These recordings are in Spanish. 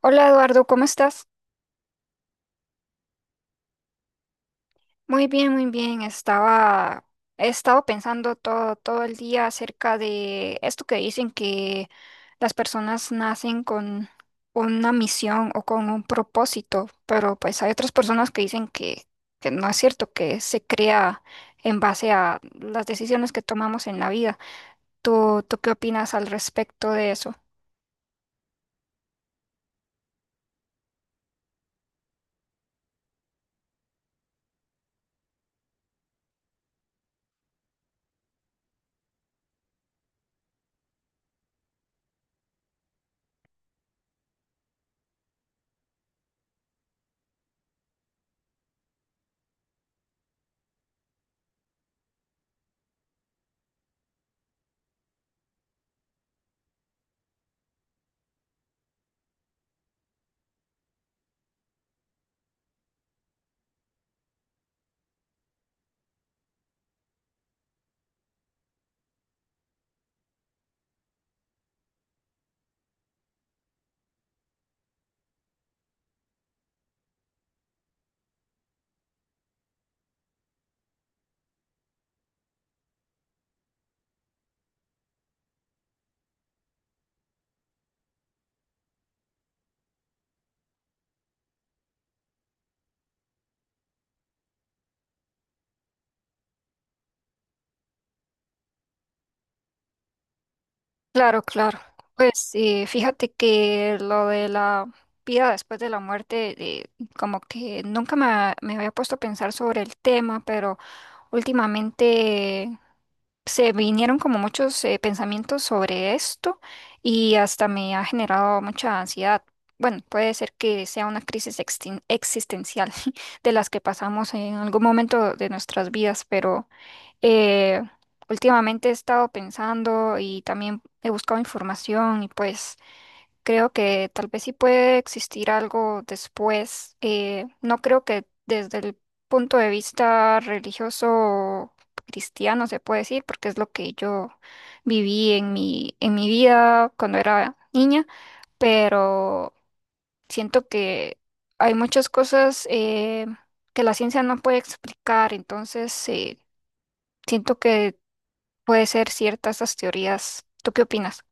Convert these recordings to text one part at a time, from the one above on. Hola Eduardo, ¿cómo estás? Muy bien, muy bien. Estaba, he estado pensando todo el día acerca de esto que dicen que las personas nacen con una misión o con un propósito, pero pues hay otras personas que dicen que no es cierto, que se crea en base a las decisiones que tomamos en la vida. ¿Tú qué opinas al respecto de eso? Claro, claro. Pues fíjate que lo de la vida después de la muerte, como que nunca me había puesto a pensar sobre el tema, pero últimamente se vinieron como muchos pensamientos sobre esto y hasta me ha generado mucha ansiedad. Bueno, puede ser que sea una crisis existencial de las que pasamos en algún momento de nuestras vidas, pero... Eh, últimamente he estado pensando y también he buscado información y pues creo que tal vez sí puede existir algo después. No creo que desde el punto de vista religioso o cristiano se puede decir, porque es lo que yo viví en mi vida cuando era niña, pero siento que hay muchas cosas que la ciencia no puede explicar, entonces... siento que puede ser ciertas esas teorías. ¿Tú qué opinas?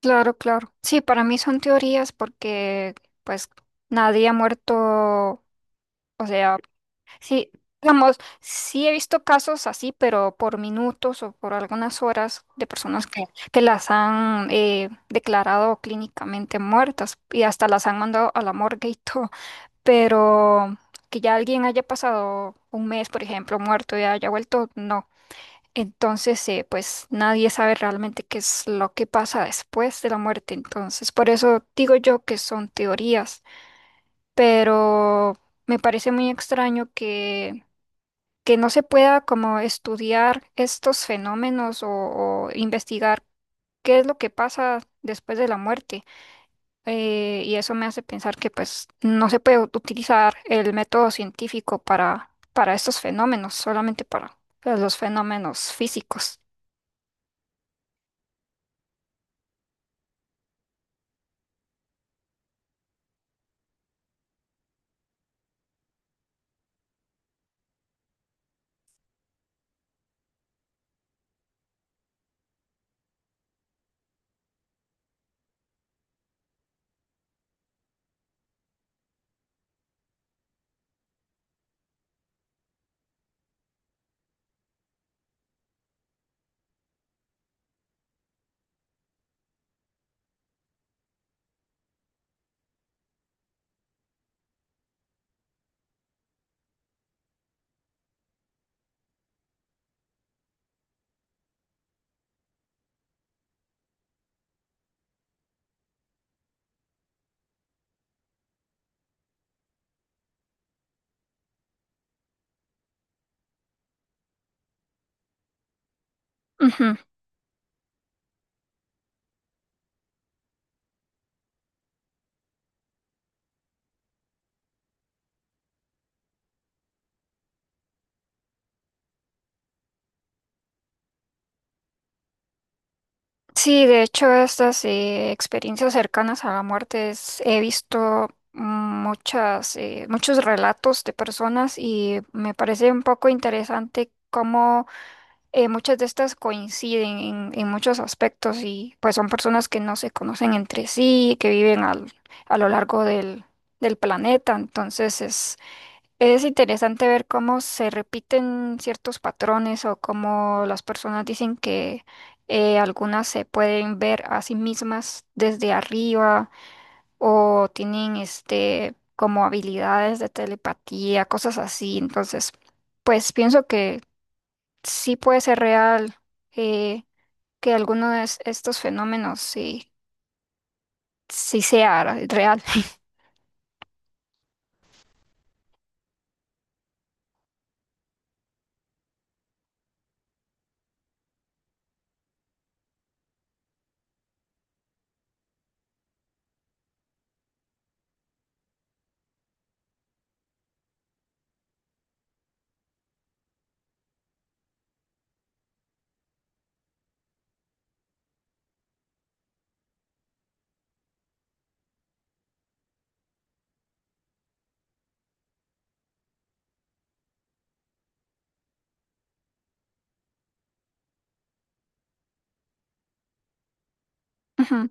Claro, claro. Sí, para mí son teorías porque, pues, nadie ha muerto. O sea, sí, digamos, sí he visto casos así, pero por minutos o por algunas horas de personas que las han declarado clínicamente muertas y hasta las han mandado a la morgue y todo. Pero que ya alguien haya pasado un mes, por ejemplo, muerto y haya vuelto, no. Entonces, pues nadie sabe realmente qué es lo que pasa después de la muerte. Entonces, por eso digo yo que son teorías, pero me parece muy extraño que no se pueda como estudiar estos fenómenos o investigar qué es lo que pasa después de la muerte. Y eso me hace pensar que pues no se puede utilizar el método científico para estos fenómenos, solamente para pues, los fenómenos físicos. Ujú. Sí, de hecho, estas experiencias cercanas a la muerte he visto muchas, muchos relatos de personas y me parece un poco interesante cómo muchas de estas coinciden en muchos aspectos y pues son personas que no se conocen entre sí, que viven a lo largo del planeta, entonces es interesante ver cómo se repiten ciertos patrones o cómo las personas dicen que algunas se pueden ver a sí mismas desde arriba o tienen este como habilidades de telepatía, cosas así. Entonces, pues pienso que sí puede ser real eh, que alguno de estos fenómenos sí, sí sea real. Ujú.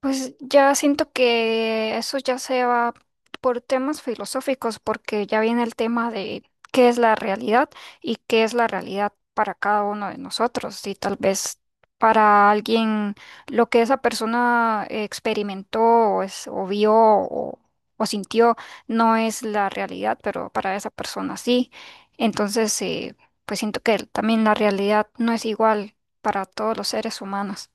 Pues ya siento que eso ya se va por temas filosóficos, porque ya viene el tema de qué es la realidad y qué es la realidad para cada uno de nosotros. Y tal vez para alguien lo que esa persona experimentó o vio o sintió no es la realidad, pero para esa persona sí. Entonces, pues siento que también la realidad no es igual para todos los seres humanos.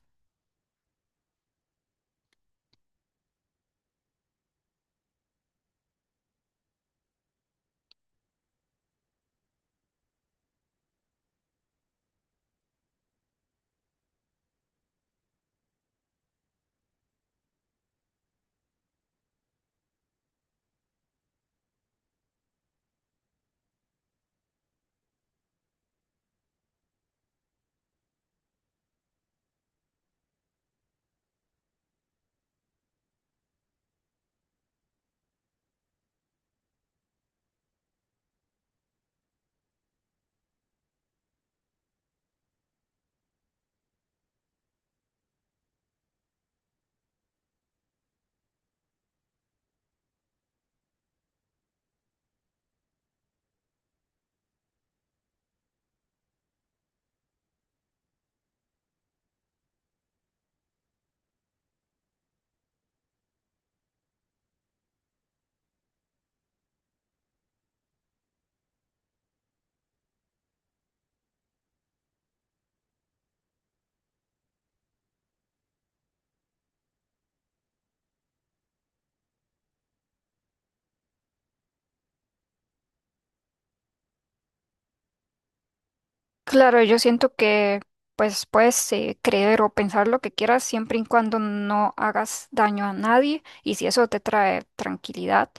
Claro, yo siento que pues puedes creer o pensar lo que quieras siempre y cuando no hagas daño a nadie y si eso te trae tranquilidad,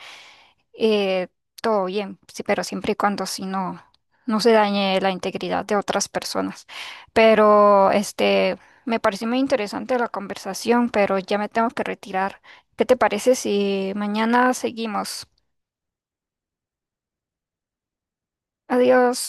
eh, todo bien, sí, pero siempre y cuando si no, no se dañe la integridad de otras personas. Pero este, me pareció muy interesante la conversación, pero ya me tengo que retirar. ¿Qué te parece si mañana seguimos? Adiós.